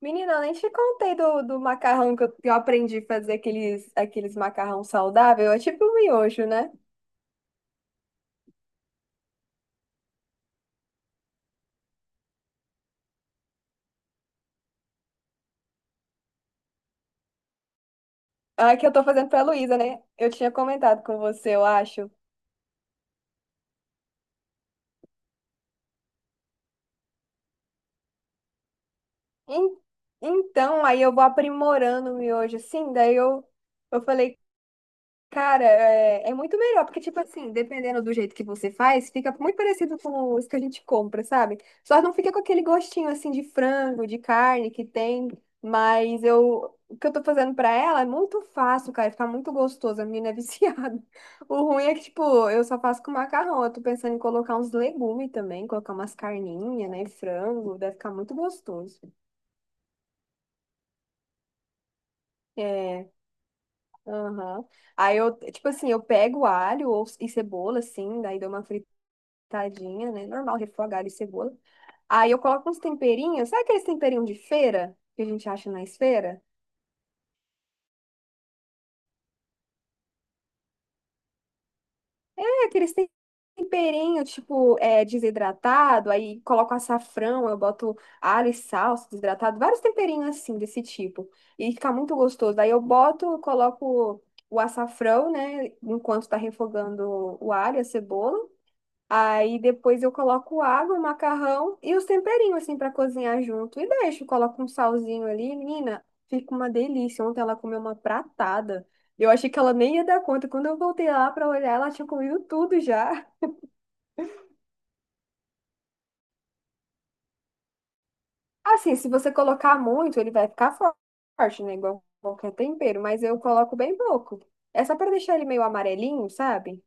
Menina, eu nem te contei do macarrão que eu aprendi a fazer aqueles macarrão saudável. É tipo um miojo, né? Ah, que eu tô fazendo pra Luísa, né? Eu tinha comentado com você, eu acho. En- Então, aí eu vou aprimorando o miojo, assim. Daí eu falei, cara, é muito melhor, porque, tipo assim, dependendo do jeito que você faz, fica muito parecido com os que a gente compra, sabe? Só não fica com aquele gostinho, assim, de frango, de carne que tem, mas eu, o que eu tô fazendo pra ela é muito fácil, cara, fica muito gostoso, a menina é viciada. O ruim é que, tipo, eu só faço com macarrão, eu tô pensando em colocar uns legumes também, colocar umas carninhas, né, frango, deve ficar muito gostoso. É, aham. Aí eu, tipo assim, eu pego alho ou, e cebola, assim, daí dou uma. Tadinha, né? Normal, refogar alho e cebola. Aí eu coloco uns temperinhos. Sabe aqueles temperinhos de feira que a gente acha na feira? É aqueles tem- temperinhos, tipo, desidratado. Aí coloco açafrão, eu boto alho e salsa desidratado. Vários temperinhos assim, desse tipo. E fica muito gostoso. Aí eu boto, coloco o açafrão, né? Enquanto tá refogando o alho, e a cebola. Aí depois eu coloco água, o macarrão e os temperinhos assim para cozinhar junto. E deixo, coloco um salzinho ali, menina, fica uma delícia. Ontem ela comeu uma pratada. Eu achei que ela nem ia dar conta. Quando eu voltei lá para olhar, ela tinha comido tudo já. Assim, se você colocar muito, ele vai ficar forte, né? Igual qualquer tempero, mas eu coloco bem pouco. É só para deixar ele meio amarelinho, sabe?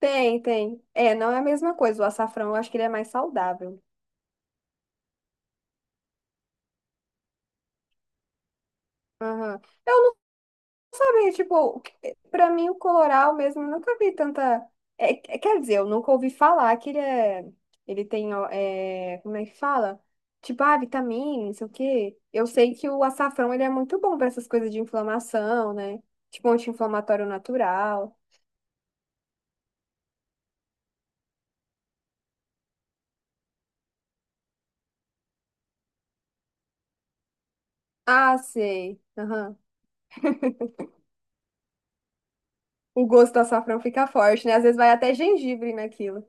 Tem, tem. É, não é a mesma coisa. O açafrão, eu acho que ele é mais saudável. Aham. Eu, sabe, tipo, o pra mim o coloral mesmo, eu nunca vi tanta. Quer dizer, eu nunca ouvi falar que ele é. Ele tem, ó, é, como é que fala? Tipo, ah, vitamina, não sei o quê. Eu sei que o açafrão ele é muito bom pra essas coisas de inflamação, né? Tipo, anti-inflamatório natural. Ah, sei. Aham. O gosto do açafrão fica forte, né? Às vezes vai até gengibre naquilo.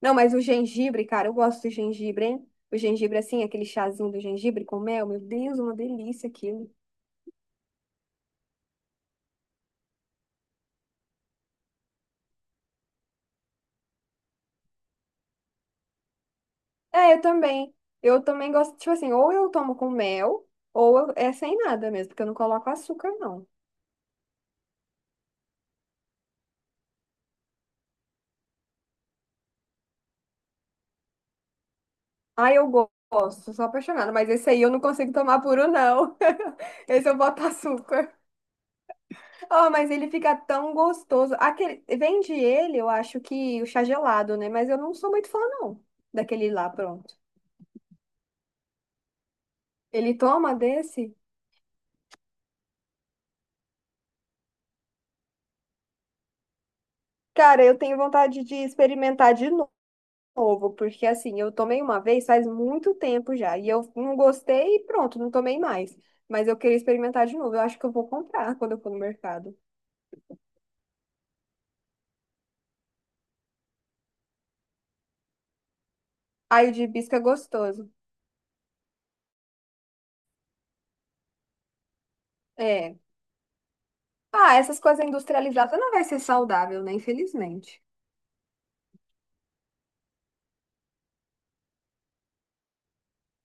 Não, mas o gengibre, cara, eu gosto do gengibre, hein? O gengibre, assim, aquele chazinho do gengibre com mel, meu Deus, uma delícia aquilo. É, eu também. Eu também gosto, tipo assim, ou eu tomo com mel, é sem nada mesmo, porque eu não coloco açúcar, não. Ah, eu gosto, sou apaixonada, mas esse aí eu não consigo tomar puro, não. Esse eu boto açúcar. Oh, mas ele fica tão gostoso. Aquele, vende ele, eu acho que o chá gelado, né? Mas eu não sou muito fã, não, daquele lá, pronto. Ele toma desse? Cara, eu tenho vontade de experimentar de novo. Novo, porque assim, eu tomei uma vez faz muito tempo já, e eu não gostei e pronto, não tomei mais. Mas eu queria experimentar de novo, eu acho que eu vou comprar quando eu for no mercado. Aí o de hibisco é gostoso. É. Ah, essas coisas industrializadas não vai ser saudável, né? Infelizmente.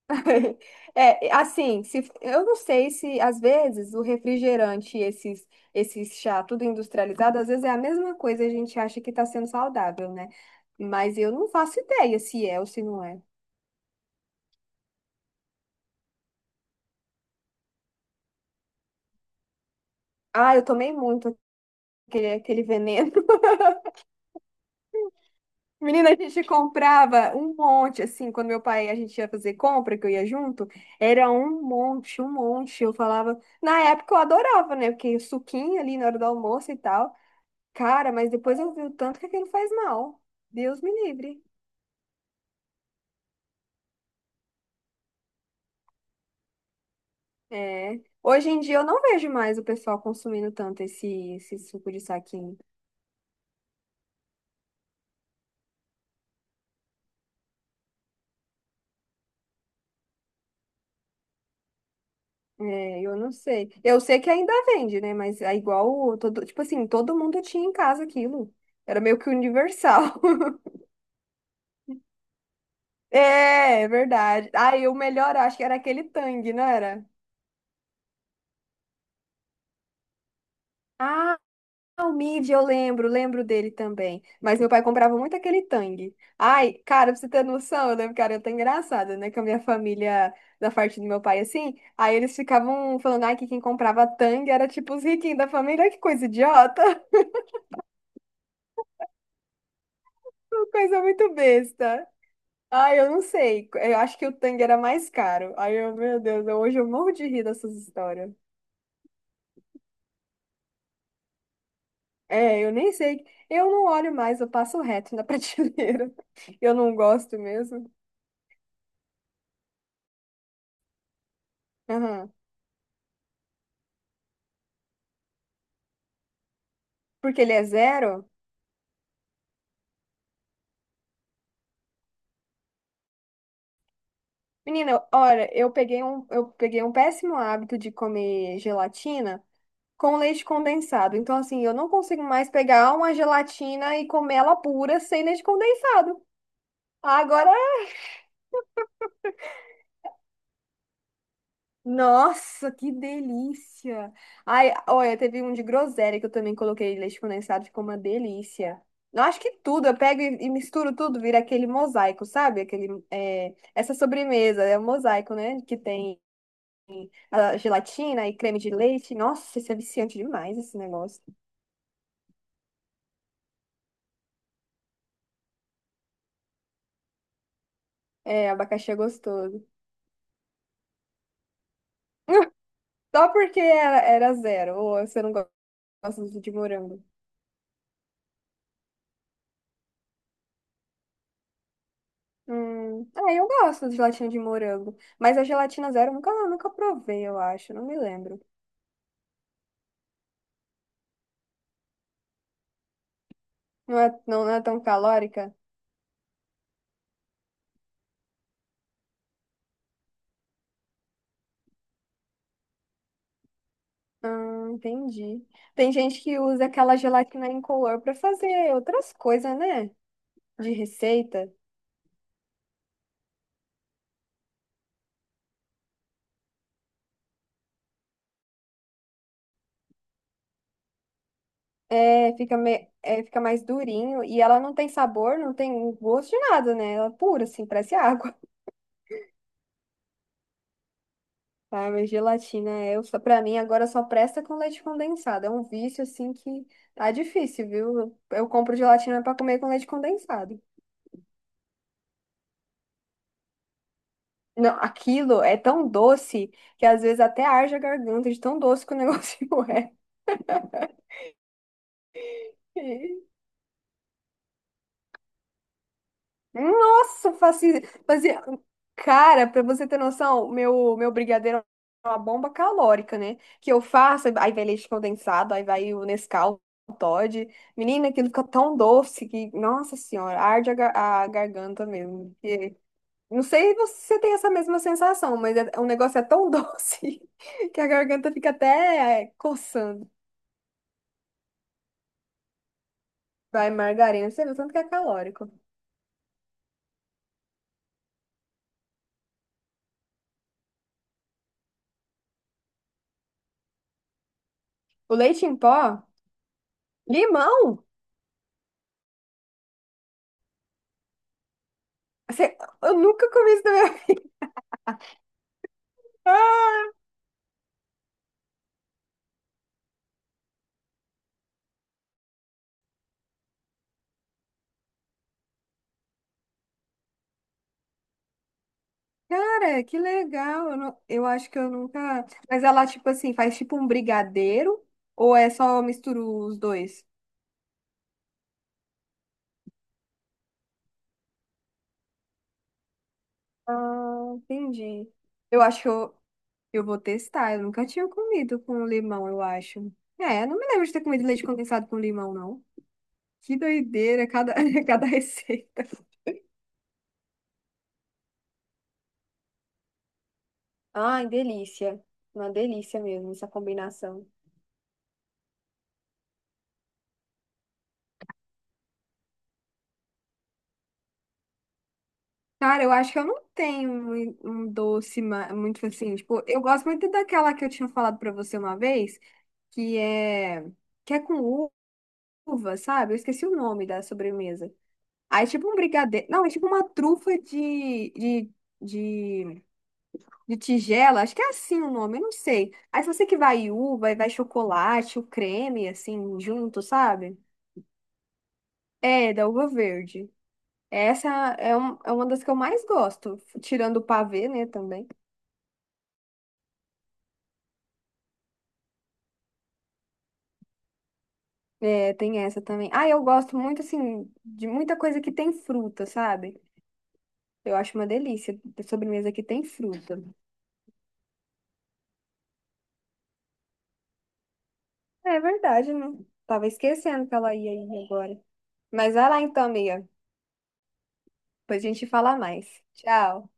É, assim, se, eu não sei se às vezes o refrigerante, esses, esses chá, tudo industrializado, às vezes é a mesma coisa, e a gente acha que está sendo saudável, né? Mas eu não faço ideia se é ou se não é. Ah, eu tomei muito, aquele, aquele veneno. Menina, a gente comprava um monte, assim, quando meu pai, a gente ia fazer compra, que eu ia junto, era um monte, um monte. Eu falava, na época eu adorava, né? Porque suquinho ali na hora do almoço e tal. Cara, mas depois eu vi o tanto que aquilo faz mal. Deus me livre. É. Hoje em dia eu não vejo mais o pessoal consumindo tanto esse, esse suco de saquinho. É, eu não sei. Eu sei que ainda vende, né? Mas é igual, todo, tipo assim, todo mundo tinha em casa aquilo. Era meio que universal. É, é verdade. Aí o melhor, eu acho que era aquele Tang, não era? Ah, o Mid, eu lembro, lembro dele também. Mas meu pai comprava muito aquele Tang. Ai, cara, pra você ter noção, eu lembro que era até engraçado, né? Com a minha família, da parte do meu pai, assim. Aí eles ficavam falando, ai, que quem comprava Tang era tipo os riquinhos da família. Ai, que coisa idiota. Uma coisa muito besta. Ai, eu não sei. Eu acho que o Tang era mais caro. Ai, eu, meu Deus, hoje eu morro de rir dessas histórias. É, eu nem sei. Eu não olho mais, eu passo reto na prateleira. Eu não gosto mesmo. Aham. Porque ele é zero? Menina, olha, eu peguei um péssimo hábito de comer gelatina com leite condensado. Então, assim, eu não consigo mais pegar uma gelatina e comer ela pura sem leite condensado. Agora. Nossa, que delícia! Ai, olha, teve um de groselha que eu também coloquei leite condensado, ficou uma delícia. Eu acho que tudo, eu pego e misturo tudo, vira aquele mosaico, sabe? Aquele, é, essa sobremesa, é um mosaico, né? Que tem a gelatina e creme de leite. Nossa, isso é viciante demais, esse negócio. É, abacaxi é gostoso. Só porque era, era zero, ou você não gosta de morango. Ah, eu gosto de gelatina de morango, mas a gelatina zero eu nunca, nunca provei, eu acho, não me lembro. Não é, não, não é tão calórica? Entendi. Tem gente que usa aquela gelatina incolor para fazer outras coisas, né? De receita. É, fica, me, é, fica mais durinho e ela não tem sabor, não tem gosto de nada, né? Ela é pura, assim, parece água. Ah, mas gelatina é, pra mim agora só presta com leite condensado. É um vício assim que tá difícil, viu? Eu compro gelatina pra comer com leite condensado. Não, aquilo é tão doce que às vezes até arde a garganta de tão doce que o negócio é. Nossa, fazia, fazia... Cara, pra você ter noção, meu brigadeiro é uma bomba calórica, né? Que eu faço, aí vai leite condensado, aí vai o Nescau, o Toddy. Menina, aquilo fica tão doce que, nossa senhora, arde a, a garganta mesmo. E não sei se você tem essa mesma sensação, mas o negócio é tão doce que a garganta fica até coçando. Vai, margarina, você vê o tanto que é calórico. O leite em pó, limão, você, eu nunca comi isso também. Ah, cara, que legal. Eu, eu acho que eu nunca. Mas ela, tipo assim, faz tipo um brigadeiro? Ou é só mistura os dois? Ah, entendi. Eu acho que eu vou testar. Eu nunca tinha comido com limão, eu acho. É, não me lembro de ter comido leite condensado com limão, não. Que doideira, cada, cada receita. Ai, delícia. Uma delícia mesmo essa combinação. Cara, eu acho que eu não tenho um doce muito assim, tipo, eu gosto muito daquela que eu tinha falado pra você uma vez, que é que é com uva, sabe? Eu esqueci o nome da sobremesa. Aí é tipo um brigadeiro, não, é tipo uma trufa de, de tigela, acho que é assim o nome, eu não sei. Aí se você que vai uva, aí vai chocolate, o creme assim junto, sabe? É, da uva verde. Essa é uma das que eu mais gosto, tirando o pavê, né, também. É, tem essa também. Ah, eu gosto muito, assim, de muita coisa que tem fruta, sabe? Eu acho uma delícia ter sobremesa que tem fruta. É verdade, né? Tava esquecendo que ela ia aí agora. Mas vai lá então, amiga. Depois a gente fala mais. Tchau.